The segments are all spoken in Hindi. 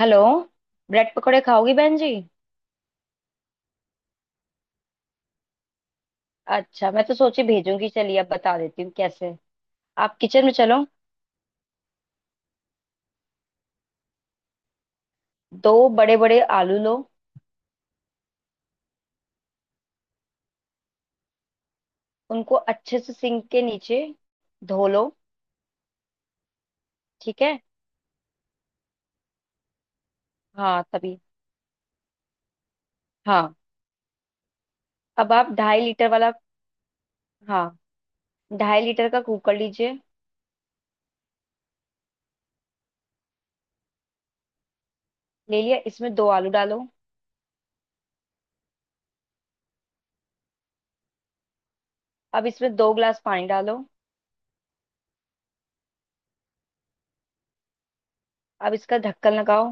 हेलो। ब्रेड पकौड़े खाओगी बहन जी। अच्छा, मैं तो सोची भेजूंगी, चलिए अब बता देती हूँ कैसे। आप किचन में चलो। दो बड़े बड़े आलू लो। उनको अच्छे से सिंक के नीचे धो लो। ठीक है। हाँ तभी। हाँ, अब आप 2.5 लीटर वाला। हाँ, 2.5 लीटर का कुकर लीजिए। ले लिया, इसमें दो आलू डालो। अब इसमें 2 ग्लास पानी डालो। अब इसका ढक्कन लगाओ।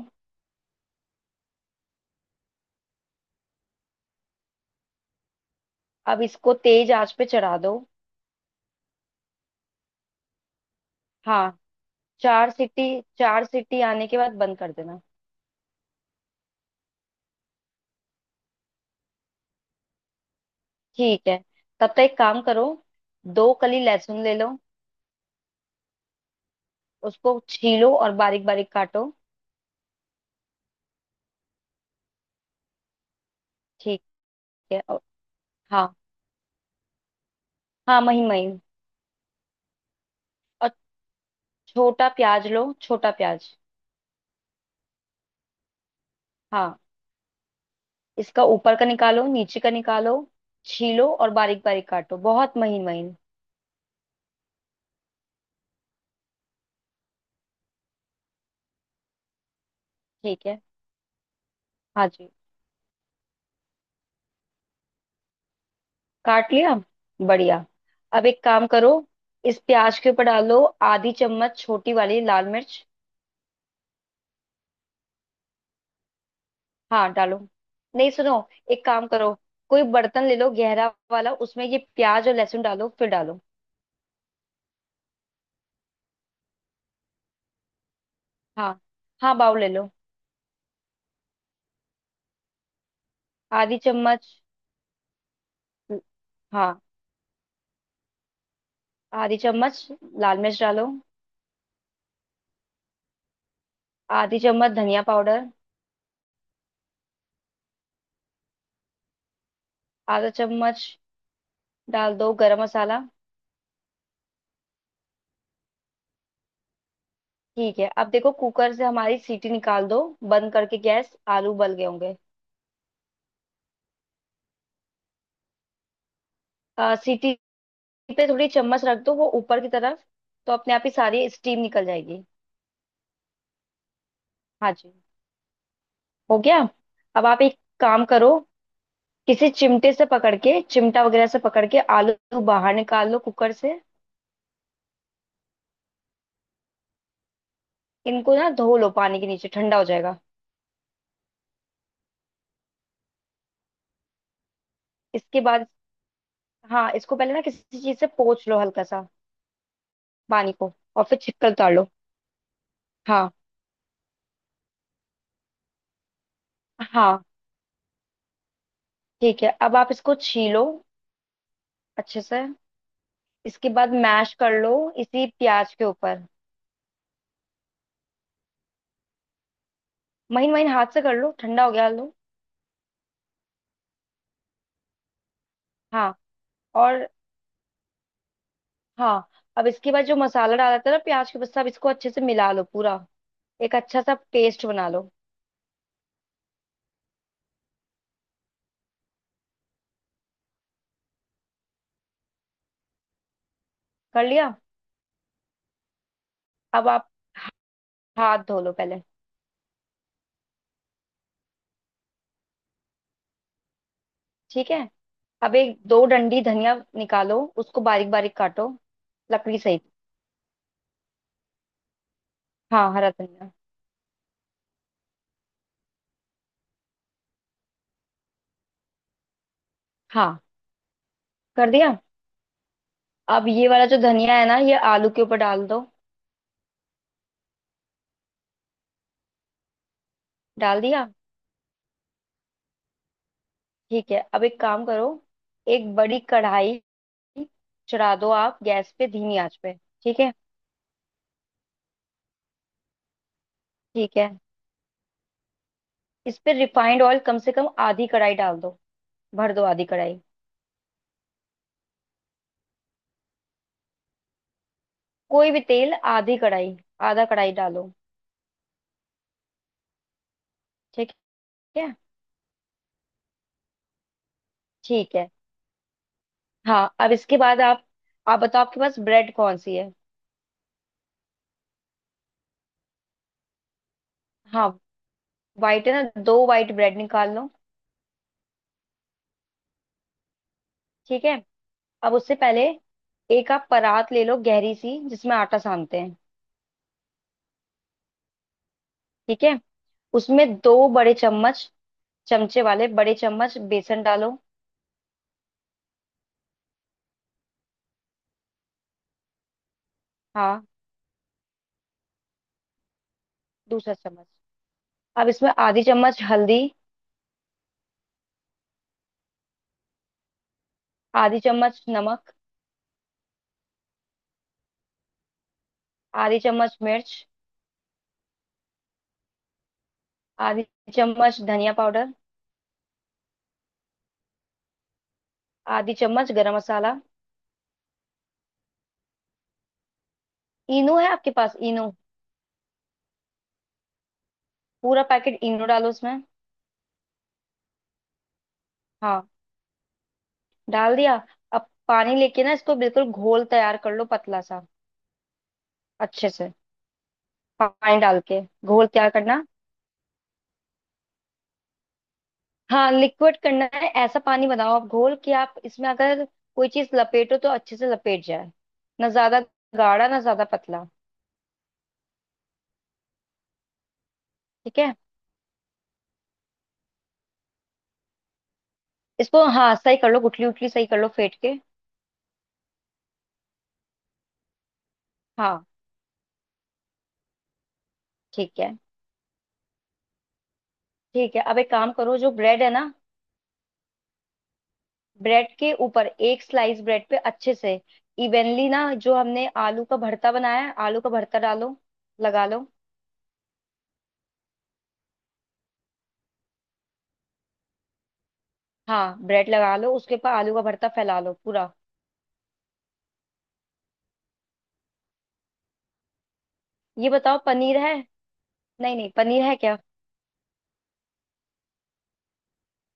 अब इसको तेज आंच पे चढ़ा दो। हाँ, 4 सीटी। 4 सीटी आने के बाद बंद कर देना। ठीक है, तब तक एक काम करो। दो कली लहसुन ले लो। उसको छीलो और बारीक बारीक काटो। ठीक है हाँ, हाँ महीन महीन। और छोटा प्याज लो, छोटा प्याज। हाँ, इसका ऊपर का निकालो, नीचे का निकालो। छीलो और बारीक बारीक काटो, बहुत महीन महीन। ठीक है। हाँ जी। काट लिया। बढ़िया। अब एक काम करो, इस प्याज के ऊपर डालो आधी चम्मच छोटी वाली लाल मिर्च। हाँ डालो। नहीं सुनो, एक काम करो। कोई बर्तन ले लो गहरा वाला, उसमें ये प्याज और लहसुन डालो, फिर डालो। हाँ हाँ, बाउल ले लो। आधी चम्मच। हाँ, आधी चम्मच लाल मिर्च डालो। आधी चम्मच धनिया पाउडर। आधा चम्मच डाल दो गरम मसाला। ठीक है, अब देखो कुकर से हमारी सीटी निकाल दो। बंद करके गैस, आलू उबल गए होंगे। सीटी पे थोड़ी चम्मच रख दो वो ऊपर की तरफ, तो अपने आप ही सारी स्टीम निकल जाएगी। हाँ जी, हो गया। अब आप एक काम करो। किसी चिमटे से पकड़ के, चिमटा वगैरह से पकड़ के आलू बाहर निकाल लो कुकर से। इनको ना धो लो पानी के नीचे, ठंडा हो जाएगा। इसके बाद हाँ, इसको पहले ना किसी चीज से पोंछ लो हल्का सा पानी को, और फिर छिक्कर उतार लो। हाँ हाँ। ठीक है, अब आप इसको छीलो अच्छे से। इसके बाद मैश कर लो, इसी प्याज के ऊपर। महीन महीन हाथ से कर लो, ठंडा हो गया आलू। हाँ और हाँ, अब इसके बाद जो मसाला डाला था ना प्याज के ऊपर, सब इसको अच्छे से मिला लो पूरा। एक अच्छा सा पेस्ट बना लो। कर लिया। अब आप हाथ धो लो पहले। ठीक है, अब एक दो डंडी धनिया निकालो, उसको बारीक बारीक काटो, लकड़ी सहित। हाँ, हरा धनिया। हाँ, कर दिया। अब ये वाला जो धनिया है ना, ये आलू के ऊपर डाल दो। डाल दिया। ठीक है, अब एक काम करो। एक बड़ी कढ़ाई चढ़ा दो आप गैस पे, धीमी आंच पे। ठीक है। ठीक है, इस पे रिफाइंड ऑयल कम से कम आधी कढ़ाई डाल दो। भर दो आधी कढ़ाई। कोई भी तेल, आधी कढ़ाई, आधा कढ़ाई डालो। ठीक है। ठीक है। हाँ, अब इसके बाद आप बताओ आपके पास ब्रेड कौन सी है। हाँ, वाइट है ना, दो वाइट ब्रेड निकाल लो। ठीक है, अब उससे पहले एक आप परात ले लो गहरी सी, जिसमें आटा सानते हैं। ठीक है, उसमें दो बड़े चम्मच, चमचे वाले बड़े चम्मच बेसन डालो। हाँ, दूसरा चम्मच। अब इसमें आधी चम्मच हल्दी, आधी चम्मच नमक, आधी चम्मच मिर्च, आधी चम्मच धनिया पाउडर, आधी चम्मच गरम मसाला। इनो है आपके पास, इनो? पूरा पैकेट इनो डालो उसमें। हाँ, डाल दिया। अब पानी लेके ना इसको बिल्कुल घोल तैयार कर लो, पतला सा, अच्छे से। पानी डाल के घोल तैयार करना। हाँ, लिक्विड करना है, ऐसा पानी बनाओ आप घोल कि आप इसमें अगर कोई चीज लपेटो तो अच्छे से लपेट जाए। ना ज्यादा गाढ़ा, ना ज्यादा पतला। ठीक है, इसको हाँ सही कर लो, गुठली उठली सही कर लो फेंट के। हाँ। ठीक है। ठीक है, अब एक काम करो, जो ब्रेड है ना, ब्रेड के ऊपर, एक स्लाइस ब्रेड पे अच्छे से इवनली ना, जो हमने आलू का भरता बनाया है आलू का भरता डालो, लगा लो। हाँ, ब्रेड लगा लो, उसके ऊपर आलू का भरता फैला लो पूरा। ये बताओ पनीर है, नहीं नहीं, पनीर है क्या?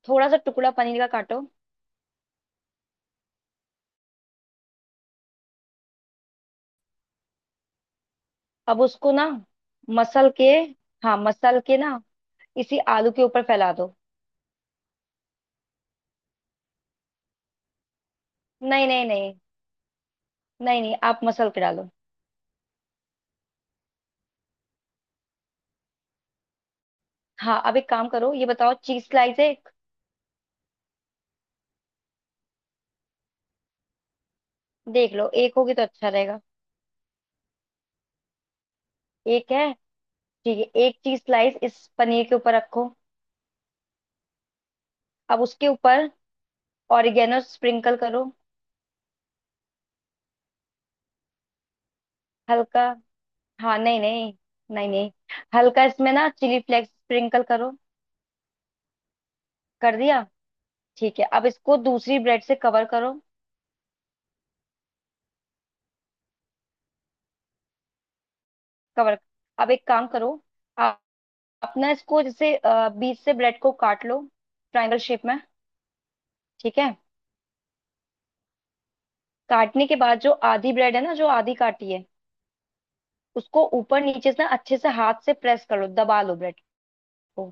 थोड़ा सा टुकड़ा पनीर का काटो। अब उसको ना मसल के, हाँ मसल के ना, इसी आलू के ऊपर फैला दो। नहीं नहीं नहीं, नहीं नहीं, आप मसल के डालो। हाँ, अब एक काम करो, ये बताओ चीज स्लाइस है एक? देख लो, एक होगी तो अच्छा रहेगा। एक है। ठीक है, एक चीज स्लाइस इस पनीर के ऊपर रखो। अब उसके ऊपर ऑरिगेनो स्प्रिंकल करो। हल्का। हाँ नहीं नहीं, नहीं नहीं, हल्का इसमें ना चिली फ्लेक्स स्प्रिंकल करो। कर दिया। ठीक है, अब इसको दूसरी ब्रेड से कवर करो। कवर, अब एक काम करो, आप अपना इसको जैसे बीच से ब्रेड को काट लो, ट्रायंगल शेप में। ठीक है, काटने के बाद जो आधी ब्रेड है ना, जो आधी काटी है, उसको ऊपर नीचे से ना अच्छे से हाथ से प्रेस कर लो, दबा लो ब्रेड को।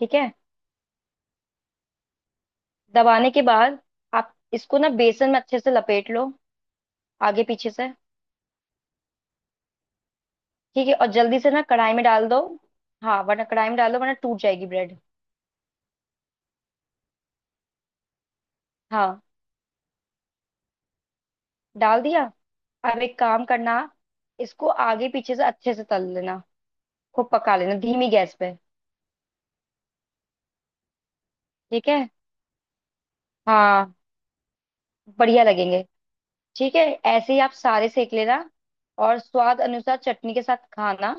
ठीक है, दबाने के बाद आप इसको ना बेसन में अच्छे से लपेट लो, आगे पीछे से। ठीक है, और जल्दी से ना कढ़ाई में डाल दो, हाँ वरना, कढ़ाई में डाल दो वरना टूट जाएगी ब्रेड। हाँ, डाल दिया। अब एक काम करना, इसको आगे पीछे से अच्छे से तल लेना, खूब पका लेना धीमी गैस पे। ठीक है। हाँ, बढ़िया लगेंगे। ठीक है, ऐसे ही आप सारे सेक लेना, और स्वाद अनुसार चटनी के साथ खाना।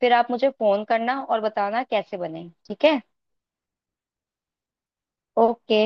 फिर आप मुझे फोन करना और बताना कैसे बने, ठीक है। ओके।